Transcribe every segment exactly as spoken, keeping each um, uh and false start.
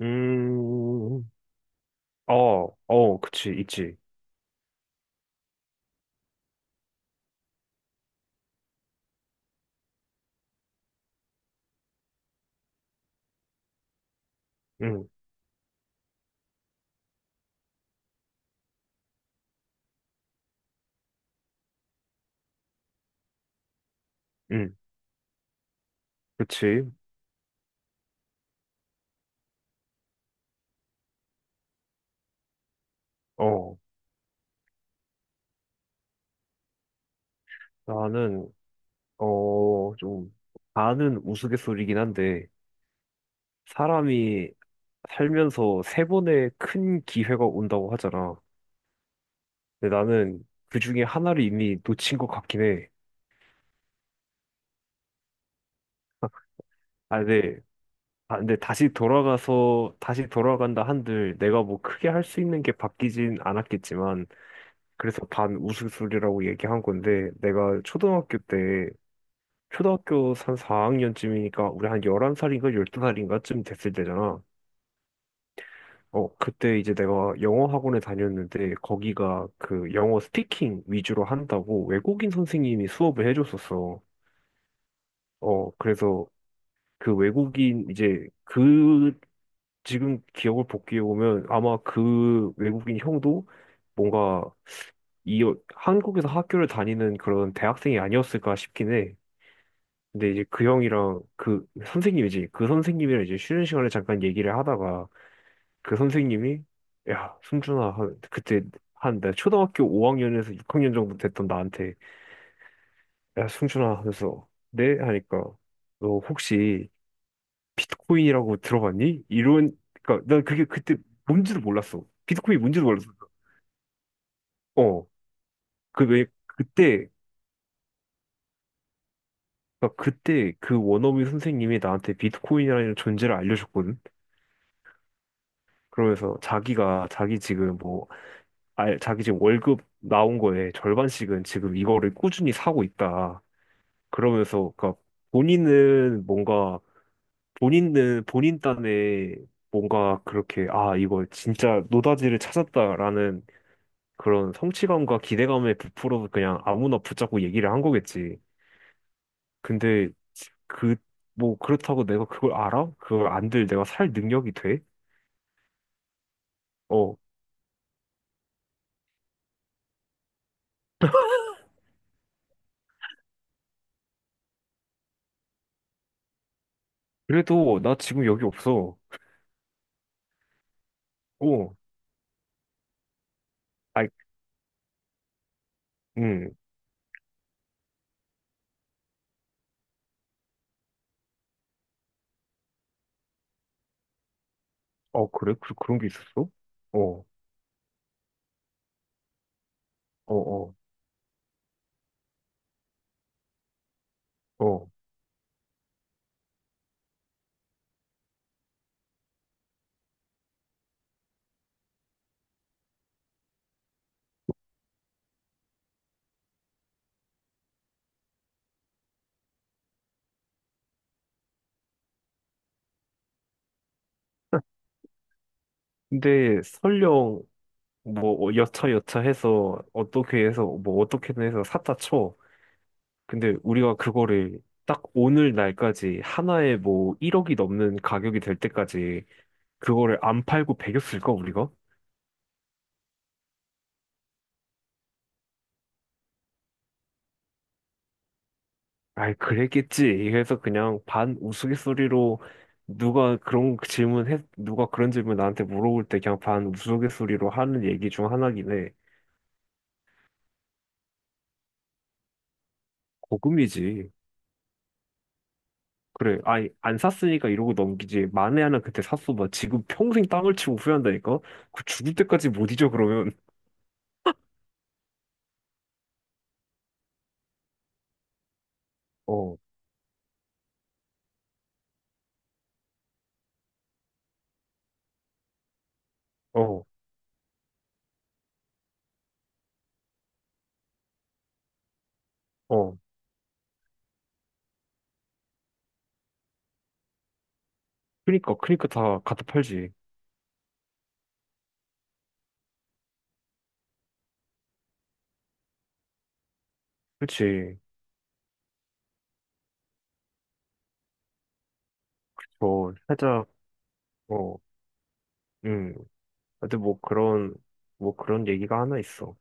음, 어, 어, 그치, 있지. 응, 응, 그치. 어, 나는, 어, 좀, 반은 우스갯소리긴 한데, 사람이 살면서 세 번의 큰 기회가 온다고 하잖아. 근데 나는 그 중에 하나를 이미 놓친 것 같긴 해. 아, 근데, 아, 근데 다시 돌아가서, 다시 돌아간다 한들, 내가 뭐 크게 할 수 있는 게 바뀌진 않았겠지만, 그래서 반 우스갯소리라고 얘기한 건데, 내가 초등학교 때, 초등학교 한 사 학년쯤이니까 우리 한 열한 살인가 열두 살인가쯤 됐을 때잖아. 어, 그때 이제 내가 영어 학원에 다녔는데 거기가 그 영어 스피킹 위주로 한다고 외국인 선생님이 수업을 해줬었어. 어, 그래서 그 외국인 이제 그 지금 기억을 복귀해 보면 아마 그 외국인 형도 뭔가 이 한국에서 학교를 다니는 그런 대학생이 아니었을까 싶긴 해. 근데 이제 그 형이랑 그 선생님이지. 그 선생님이랑 이제 쉬는 시간에 잠깐 얘기를 하다가 그 선생님이 야, 승준아, 한- 그때 한 내가 초등학교 오 학년에서 육 학년 정도 됐던 나한테 야, 승준아 하면서 네? 하니까 너 혹시 비트코인이라고 들어봤니? 이런. 그러니까 난 그게 그때 뭔지도 몰랐어. 비트코인이 뭔지도 몰랐어. 어. 그 왜 그때 그러니까 그때 그 원어민 선생님이 나한테 비트코인이라는 존재를 알려줬거든. 그러면서 자기가 자기 지금 뭐 아, 자기 지금 월급 나온 거에 절반씩은 지금 이거를 꾸준히 사고 있다. 그러면서, 그러니까 본인은 뭔가, 본인은 본인 딴에 뭔가 그렇게, 아, 이거 진짜 노다지를 찾았다라는 그런 성취감과 기대감에 부풀어서 그냥 아무나 붙잡고 얘기를 한 거겠지. 근데 그, 뭐 그렇다고 내가 그걸 알아? 그걸 안들 내가 살 능력이 돼? 어, 그래도 나 지금 여기 없어. 어, 아이, 음, 어, 그래? 그, 그런 게 있었어? 어. 어, 어, 어. 근데 설령 뭐 여차 여차 해서 어떻게 해서 뭐 어떻게든 해서 샀다 쳐. 근데 우리가 그거를 딱 오늘 날까지 하나에 뭐 일억이 넘는 가격이 될 때까지 그거를 안 팔고 배겼을까 우리가? 아이, 그랬겠지. 그래서 그냥 반 우스갯소리로 누가 그런 질문 해 누가 그런 질문 나한테 물어볼 때 그냥 반 우스갯소리로 하는 얘기 중 하나긴 해. 고금이지. 그래. 아니, 안 샀으니까 이러고 넘기지. 만에 하나 그때 샀어. 봐. 지금 평생 땅을 치고 후회한다니까? 그 죽을 때까지 못 잊어, 그러면. 어, 어, 어. 그니까, 그니까 다 갖다 팔지. 그치. 저, 살짝, 어, 음. 근데 뭐 그런, 뭐 그런 얘기가 하나 있어.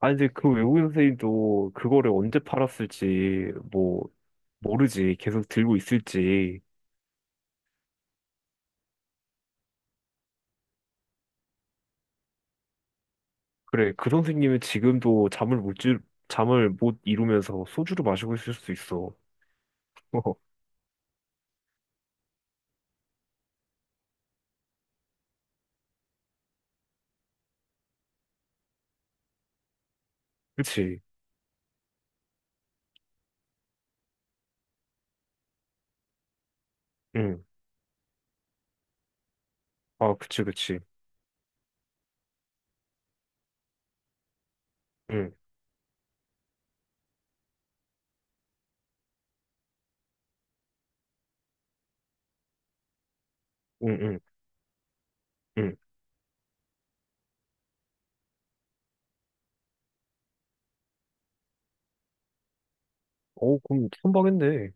아니, 근데 그 외국인 선생님도 그거를 언제 팔았을지, 뭐, 모르지. 계속 들고 있을지. 그래, 그 선생님은 지금도 잠을 못, 주, 잠을 못 이루면서 소주를 마시고 있을 수 있어. 그치. 응. 아, 그치, 그치. 응, 응, 응, 응. 어, 그럼 선박인데.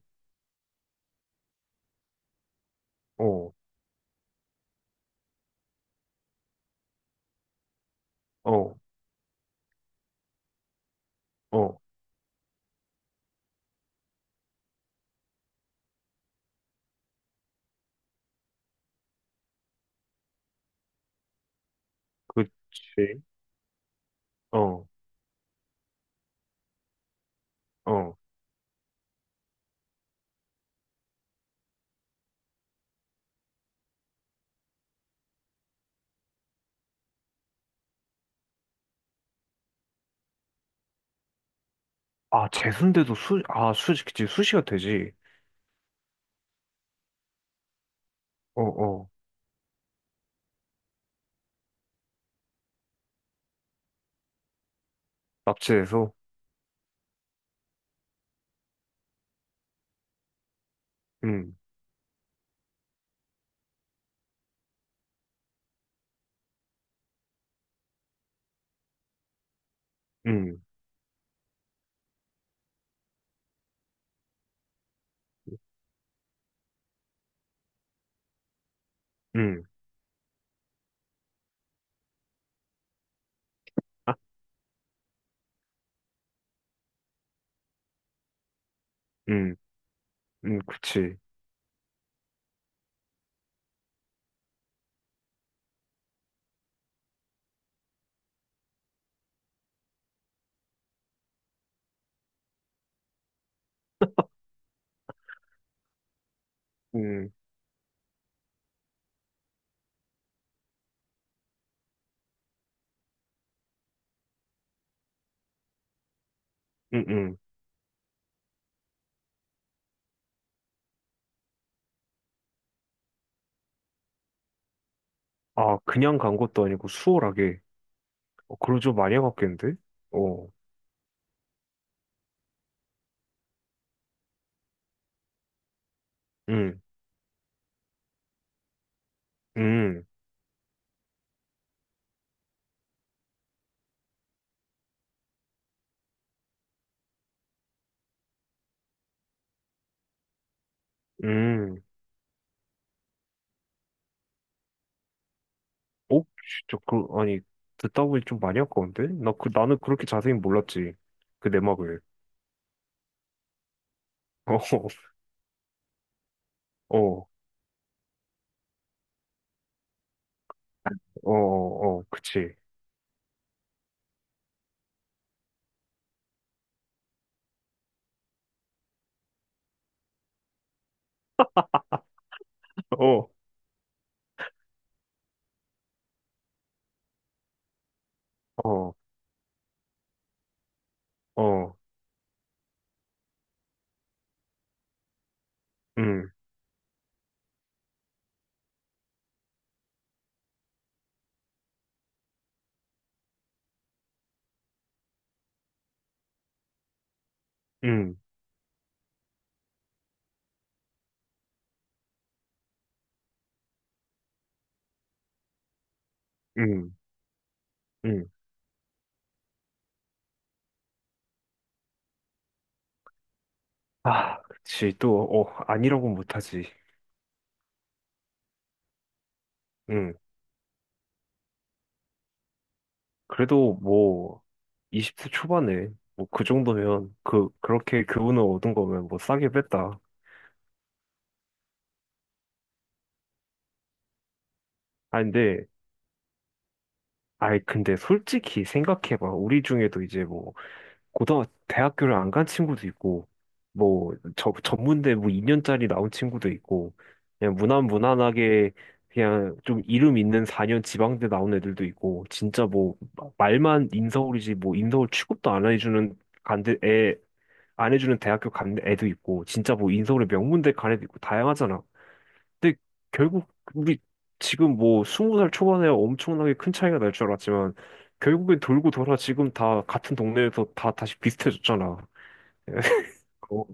어, 어, 어. 그치. 어, 어. 아, 재수인데도 수, 아, 수, 그치. 수시가 되지. 어, 어. 납치해서. 응, 응, 응. 아, 응, 응, 그치. 응, 응, 응. 아, 그냥 간 것도 아니고 수월하게. 어, 그러죠. 많이 갔겠는데. 어, 응, 응, 응. 어? 진짜 그 아니, 듣다 보니 좀 많이 아까운데? 나 그 나는 그렇게 자세히 몰랐지. 그 내막을. 어, 어, 어, 어, 그치, 어. 어어음음음음아 그치. 또 어 아니라고 못하지. 음 그래도 뭐 이십 대 초반에 뭐 그 정도면 그 그렇게 교훈을 얻은 거면 뭐 싸게 뺐다. 아 근데 아이, 근데 솔직히 생각해봐. 우리 중에도 이제 뭐 고등학 대학교를 안 간 친구도 있고 뭐 저, 전문대 뭐 이 년짜리 나온 친구도 있고, 그냥 무난 무난하게 그냥 좀 이름 있는 사 년 지방대 나온 애들도 있고, 진짜 뭐 마- 말만 인서울이지 뭐 인서울 취급도 안 해주는, 간대 애 안 해주는 대학교 간 애도 있고, 진짜 뭐 인서울의 명문대 간 애도 있고 다양하잖아. 근데 결국 우리 지금 뭐 스무 살 초반에 엄청나게 큰 차이가 날 줄 알았지만 결국엔 돌고 돌아 지금 다 같은 동네에서 다 다시 비슷해졌잖아. 어,